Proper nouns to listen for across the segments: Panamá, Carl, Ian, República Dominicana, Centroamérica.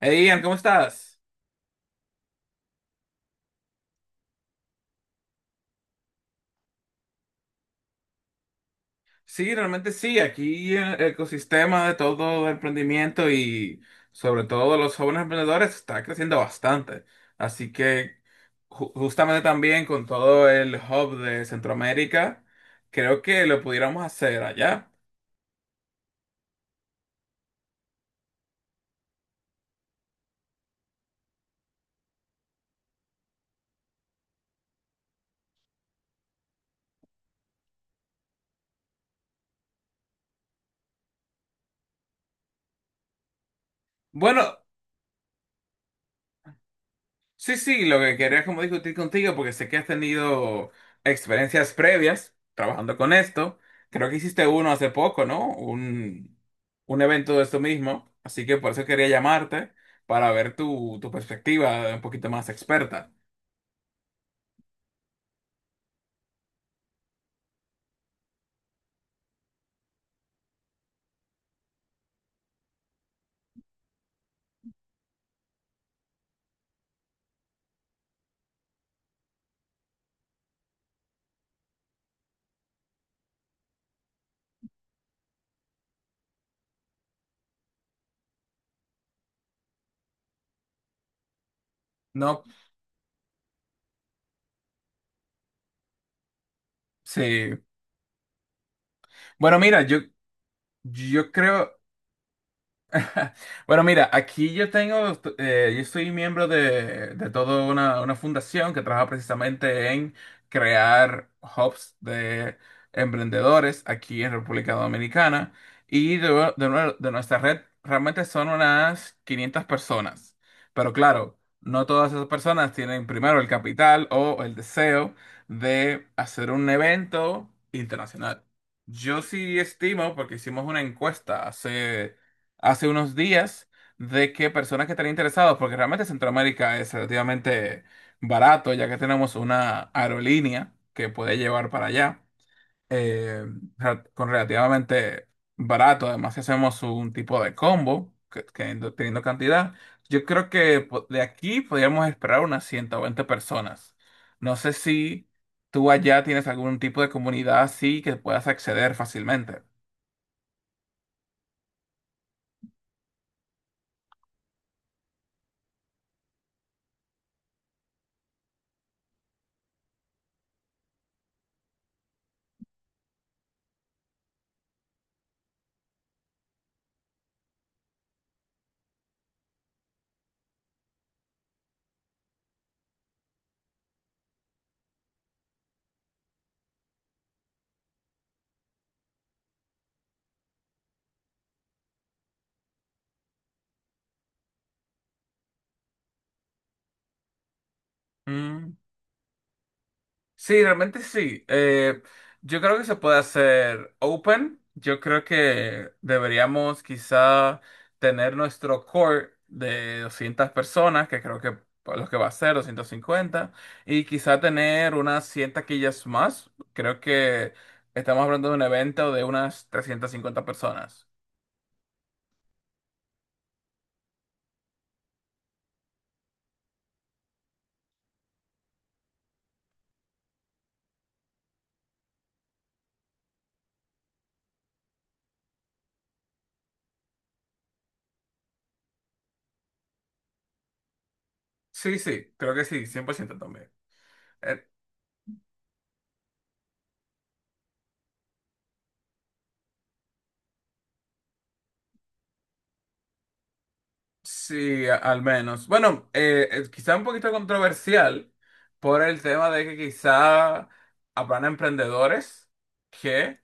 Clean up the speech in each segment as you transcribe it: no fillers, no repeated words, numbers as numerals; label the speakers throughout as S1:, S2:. S1: Hey Ian, ¿cómo estás? Sí, realmente sí, aquí el ecosistema de todo el emprendimiento y sobre todo de los jóvenes emprendedores está creciendo bastante. Así que justamente también con todo el hub de Centroamérica, creo que lo pudiéramos hacer allá. Bueno, sí, sí, lo que quería como discutir contigo, porque sé que has tenido experiencias previas trabajando con esto. Creo que hiciste uno hace poco, ¿no? Un evento de esto mismo. Así que por eso quería llamarte, para ver tu perspectiva un poquito más experta. No, sí. Bueno, mira, yo creo. Bueno, mira, aquí yo tengo, yo soy miembro de toda una fundación que trabaja precisamente en crear hubs de emprendedores aquí en República Dominicana y de, de nuestra red realmente son unas 500 personas. Pero claro, no todas esas personas tienen primero el capital o el deseo de hacer un evento internacional. Yo sí estimo, porque hicimos una encuesta hace unos días de que personas que están interesados, porque realmente Centroamérica es relativamente barato, ya que tenemos una aerolínea que puede llevar para allá, eh, con relativamente barato, además si hacemos un tipo de combo, que teniendo cantidad, yo creo que de aquí podríamos esperar unas 120 personas. No sé si tú allá tienes algún tipo de comunidad así que puedas acceder fácilmente. Sí, realmente sí. Yo creo que se puede hacer open. Yo creo que deberíamos quizá tener nuestro core de 200 personas, que creo que los que va a ser 250, y quizá tener unas 100 taquillas más. Creo que estamos hablando de un evento de unas 350 personas. Sí, sí, creo que sí, 100% también. Eh, Sí, al menos. Bueno, quizá un poquito controversial por el tema de que quizá habrán emprendedores que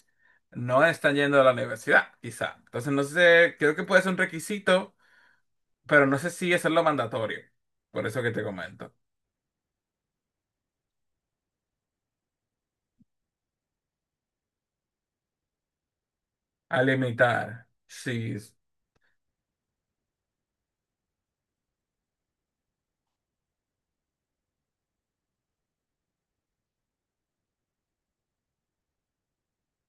S1: no están yendo a la universidad, quizá. Entonces, no sé, creo que puede ser un requisito, pero no sé si eso es lo mandatorio. Por eso que te comento. A limitar. Sí.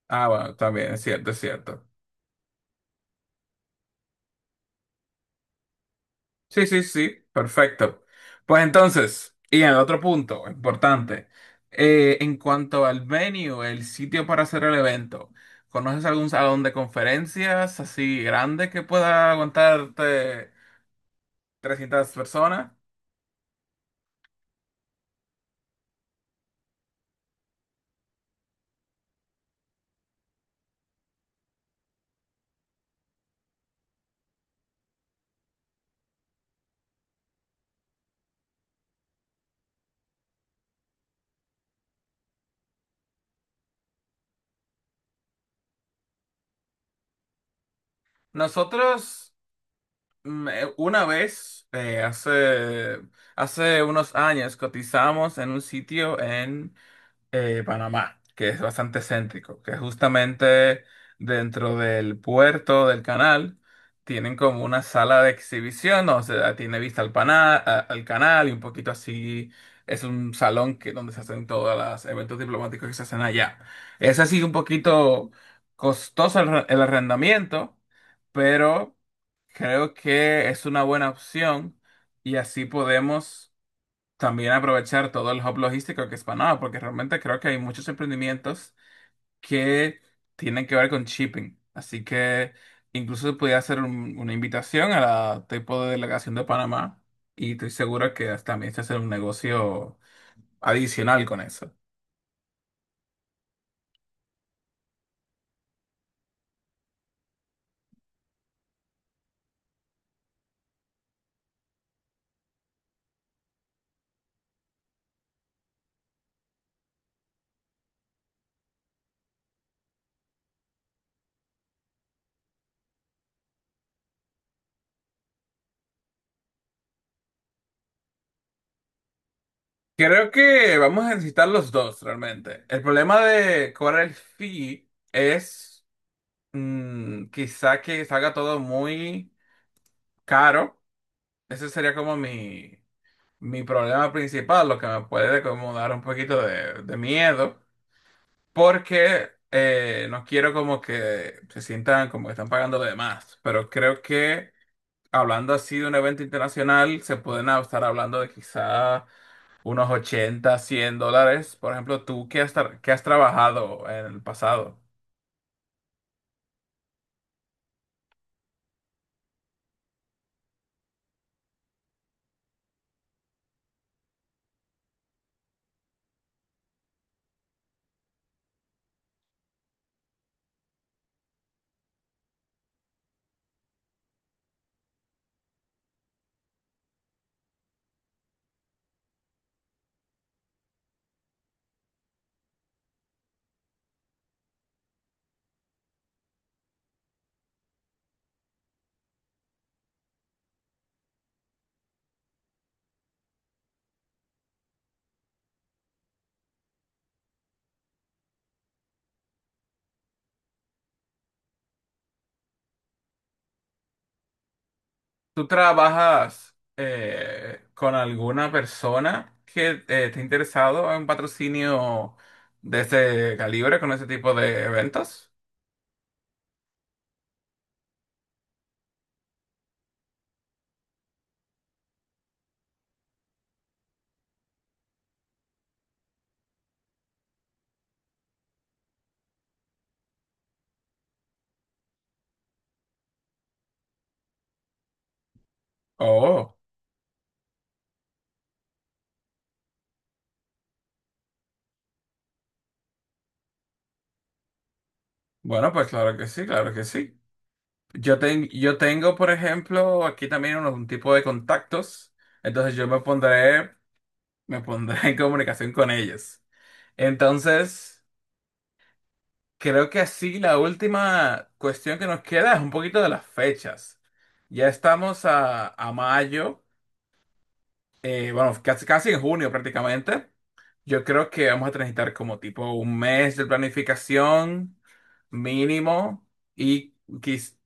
S1: Ah, bueno, también es cierto, es cierto. Sí, sí, sí, perfecto. Pues entonces, y el otro punto importante, en cuanto al venue, el sitio para hacer el evento, ¿conoces algún salón de conferencias así grande que pueda aguantarte 300 personas? Nosotros una vez, hace unos años, cotizamos en un sitio Panamá, que es bastante céntrico, que justamente dentro del puerto del canal tienen como una sala de exhibición, o sea, tiene vista al, al canal y un poquito así. Es un salón que, donde se hacen todos los eventos diplomáticos que se hacen allá. Es así un poquito costoso el el arrendamiento, pero creo que es una buena opción y así podemos también aprovechar todo el hub logístico que es Panamá, porque realmente creo que hay muchos emprendimientos que tienen que ver con shipping. Así que incluso podría hacer una invitación a la tipo de delegación de Panamá y estoy seguro que hasta también se hace un negocio adicional con eso. Creo que vamos a necesitar los dos realmente. El problema de cobrar el fee es quizá que salga todo muy caro. Ese sería como mi problema principal, lo que me puede como dar un poquito de miedo, porque no quiero como que se sientan como que están pagando de más, pero creo que hablando así de un evento internacional, se pueden estar hablando de quizá unos 80, $100. Por ejemplo, tú, ¿qué has, qué has trabajado en el pasado? ¿Tú trabajas con alguna persona que esté interesado en un patrocinio de ese calibre, con ese tipo de eventos? Oh, bueno, pues claro que sí, claro que sí. Yo, yo tengo, por ejemplo, aquí también un tipo de contactos, entonces me pondré en comunicación con ellos. Entonces, creo que así la última cuestión que nos queda es un poquito de las fechas. Ya estamos a mayo. Bueno, casi en junio prácticamente. Yo creo que vamos a necesitar como tipo un mes de planificación mínimo y quiz...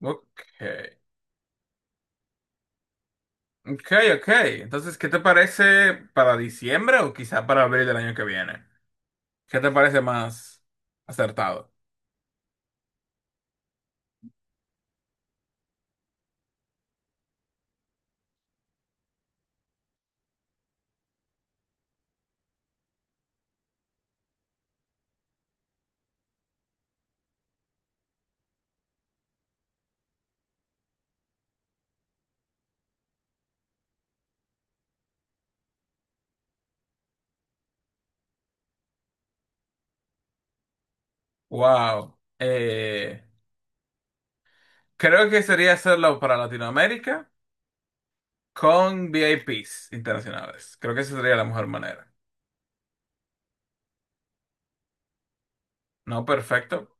S1: Ok, ok, ok. Entonces, ¿qué te parece para diciembre o quizá para abril del año que viene? ¿Qué te parece más acertado? Wow. Creo que sería hacerlo para Latinoamérica con VIPs internacionales. Creo que esa sería la mejor manera. No, perfecto.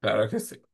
S1: Claro que sí.